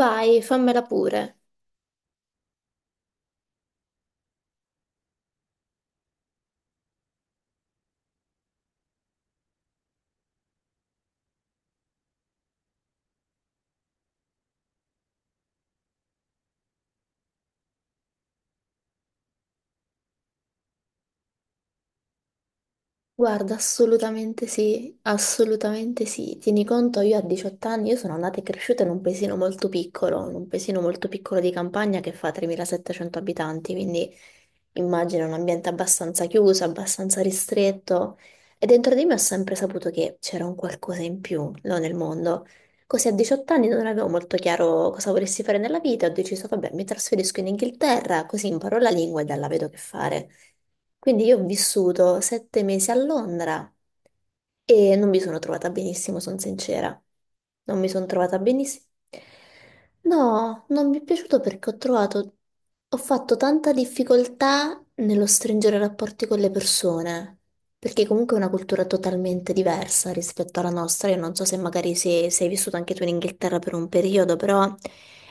Vai, fammela pure. Guarda, assolutamente sì, assolutamente sì. Tieni conto, io a 18 anni, io sono nata e cresciuta in un paesino molto piccolo, in un paesino molto piccolo di campagna che fa 3.700 abitanti, quindi immagino un ambiente abbastanza chiuso, abbastanza ristretto. E dentro di me ho sempre saputo che c'era un qualcosa in più, no, nel mondo. Così a 18 anni non avevo molto chiaro cosa volessi fare nella vita, ho deciso, vabbè, mi trasferisco in Inghilterra, così imparo la lingua e da là vedo che fare. Quindi io ho vissuto 7 mesi a Londra, e non mi sono trovata benissimo, sono sincera. Non mi sono trovata benissimo. No, non mi è piaciuto perché ho trovato, ho fatto tanta difficoltà nello stringere rapporti con le persone, perché comunque è una cultura totalmente diversa rispetto alla nostra. Io non so se magari se, sei vissuto anche tu in Inghilterra per un periodo, però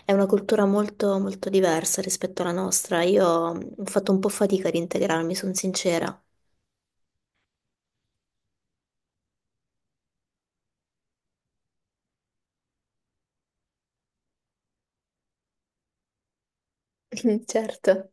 è una cultura molto, molto diversa rispetto alla nostra. Io ho fatto un po' fatica ad integrarmi, sono sincera. Certo.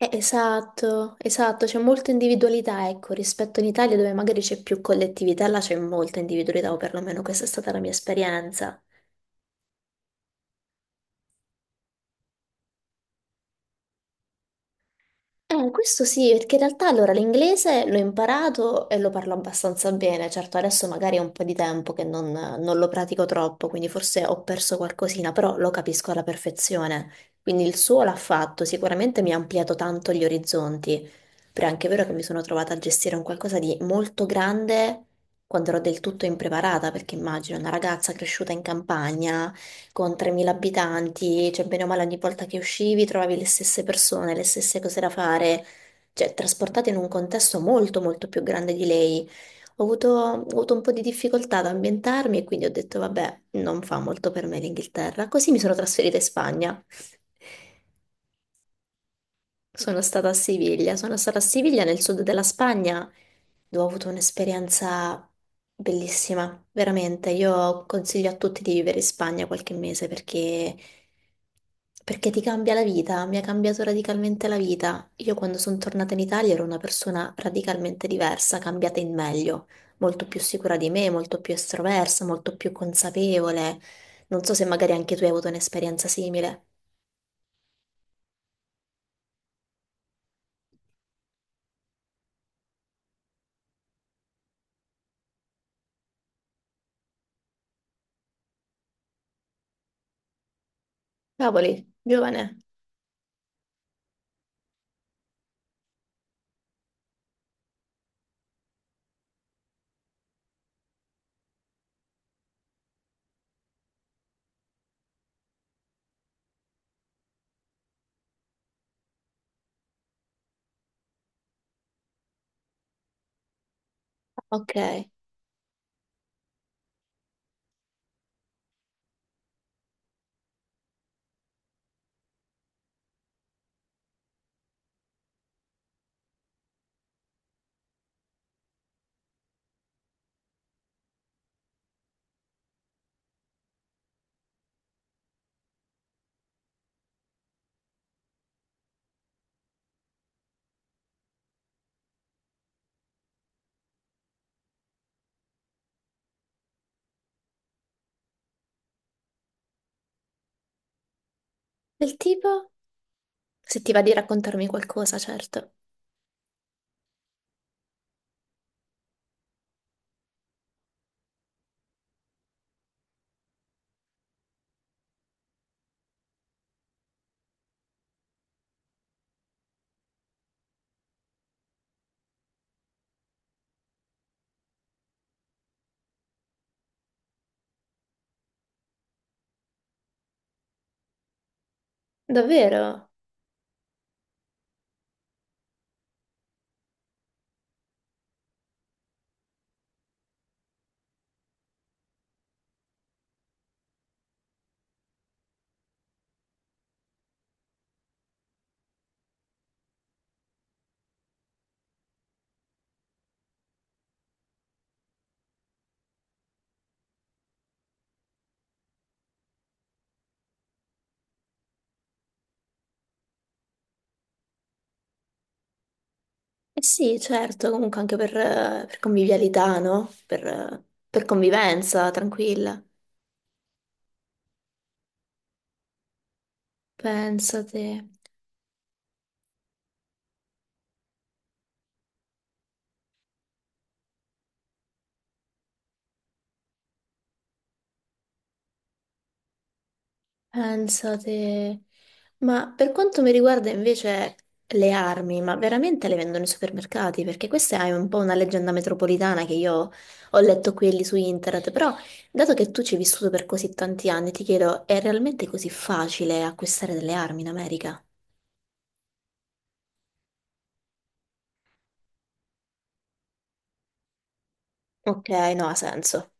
Esatto, esatto, c'è molta individualità, ecco, rispetto in Italia dove magari c'è più collettività, là c'è molta individualità, o perlomeno questa è stata la mia esperienza. Questo sì, perché in realtà allora l'inglese l'ho imparato e lo parlo abbastanza bene, certo adesso magari è un po' di tempo che non lo pratico troppo, quindi forse ho perso qualcosina, però lo capisco alla perfezione, quindi il suo l'ha fatto, sicuramente mi ha ampliato tanto gli orizzonti, però è anche vero che mi sono trovata a gestire un qualcosa di molto grande quando ero del tutto impreparata, perché immagino una ragazza cresciuta in campagna con 3.000 abitanti, cioè bene o male ogni volta che uscivi trovavi le stesse persone, le stesse cose da fare, cioè trasportata in un contesto molto molto più grande di lei. Ho avuto un po' di difficoltà ad ambientarmi e quindi ho detto vabbè, non fa molto per me l'Inghilterra, così mi sono trasferita in Spagna. Sono stata a Siviglia, sono stata a Siviglia nel sud della Spagna dove ho avuto un'esperienza bellissima, veramente. Io consiglio a tutti di vivere in Spagna qualche mese perché, perché ti cambia la vita, mi ha cambiato radicalmente la vita. Io quando sono tornata in Italia ero una persona radicalmente diversa, cambiata in meglio, molto più sicura di me, molto più estroversa, molto più consapevole. Non so se magari anche tu hai avuto un'esperienza simile. Cavoli, giovane, ok. Del tipo? Se ti va di raccontarmi qualcosa, certo. Davvero? Eh sì, certo, comunque anche per convivialità, no? Per convivenza, tranquilla. Pensate, pensate. Ma per quanto mi riguarda invece le armi, ma veramente le vendono ai supermercati? Perché questa è un po' una leggenda metropolitana che io ho letto qui e lì su internet, però dato che tu ci hai vissuto per così tanti anni, ti chiedo, è realmente così facile acquistare delle armi in America? Ok, no, ha senso.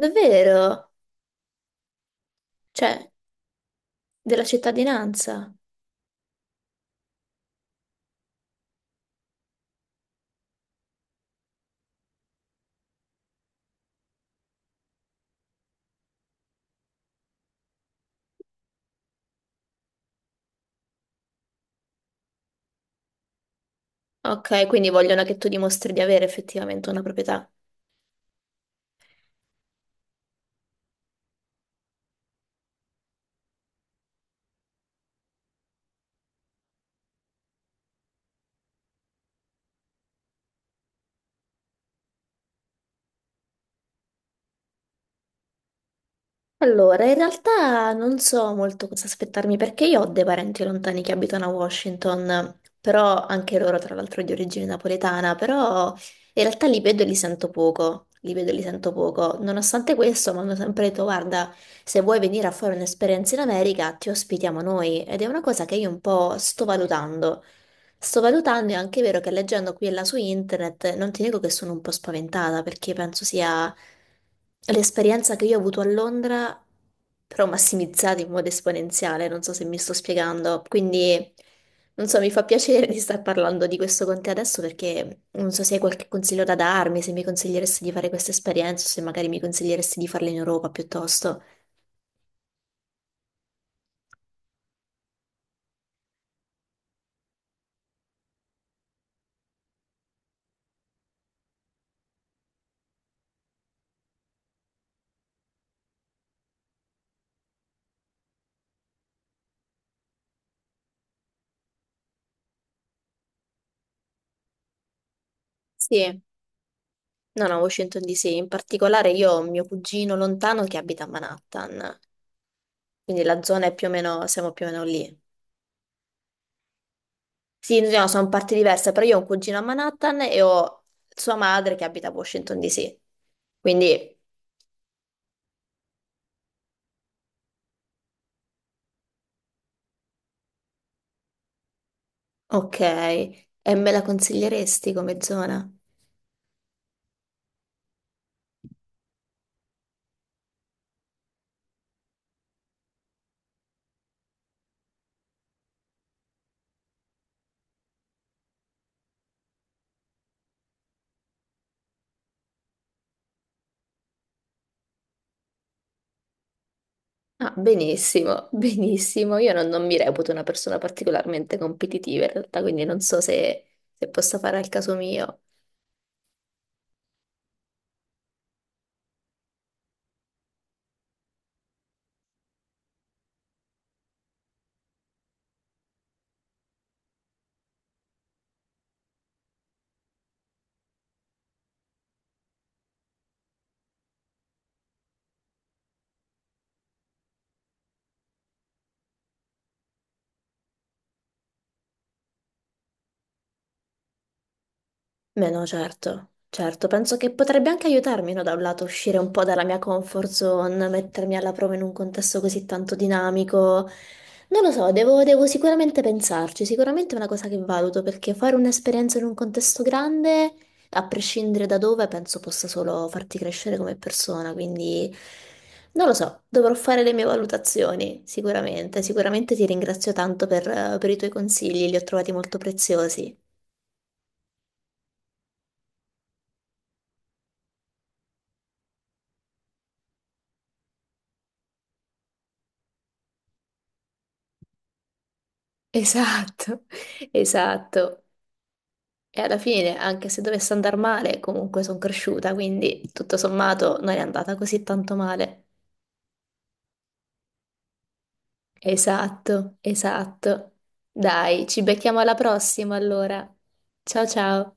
Davvero? Cioè, della cittadinanza? Ok, quindi vogliono che tu dimostri di avere effettivamente una proprietà. Allora, in realtà non so molto cosa aspettarmi perché io ho dei parenti lontani che abitano a Washington, però anche loro tra l'altro di origine napoletana, però in realtà li vedo e li sento poco, li vedo e li sento poco. Nonostante questo mi hanno sempre detto, guarda, se vuoi venire a fare un'esperienza in America ti ospitiamo noi ed è una cosa che io un po' sto valutando. Sto valutando, è anche vero che leggendo qui e là su internet, non ti dico che sono un po' spaventata perché penso sia l'esperienza che io ho avuto a Londra, però massimizzata in modo esponenziale, non so se mi sto spiegando. Quindi, non so, mi fa piacere di star parlando di questo con te adesso perché non so se hai qualche consiglio da darmi, se mi consiglieresti di fare questa esperienza o se magari mi consiglieresti di farla in Europa piuttosto. Sì, no, no, Washington DC, in particolare io ho un mio cugino lontano che abita a Manhattan. Quindi la zona è più o meno, siamo più o meno lì. Sì, no, no, sono parti diverse, però io ho un cugino a Manhattan e ho sua madre che abita a Washington DC. Quindi, ok, e me la consiglieresti come zona? Ah, benissimo, benissimo. Io non mi reputo una persona particolarmente competitiva in realtà, quindi non so se posso fare al caso mio. Beh, no, certo, certo, penso che potrebbe anche aiutarmi, no, da un lato uscire un po' dalla mia comfort zone, mettermi alla prova in un contesto così tanto dinamico. Non lo so, devo sicuramente pensarci, sicuramente è una cosa che valuto, perché fare un'esperienza in un contesto grande, a prescindere da dove, penso possa solo farti crescere come persona, quindi non lo so, dovrò fare le mie valutazioni, sicuramente, sicuramente ti ringrazio tanto per i tuoi consigli, li ho trovati molto preziosi. Esatto, esatto. E alla fine, anche se dovesse andare male, comunque sono cresciuta, quindi tutto sommato non è andata così tanto male. Esatto, esatto. Dai, ci becchiamo alla prossima allora. Ciao ciao.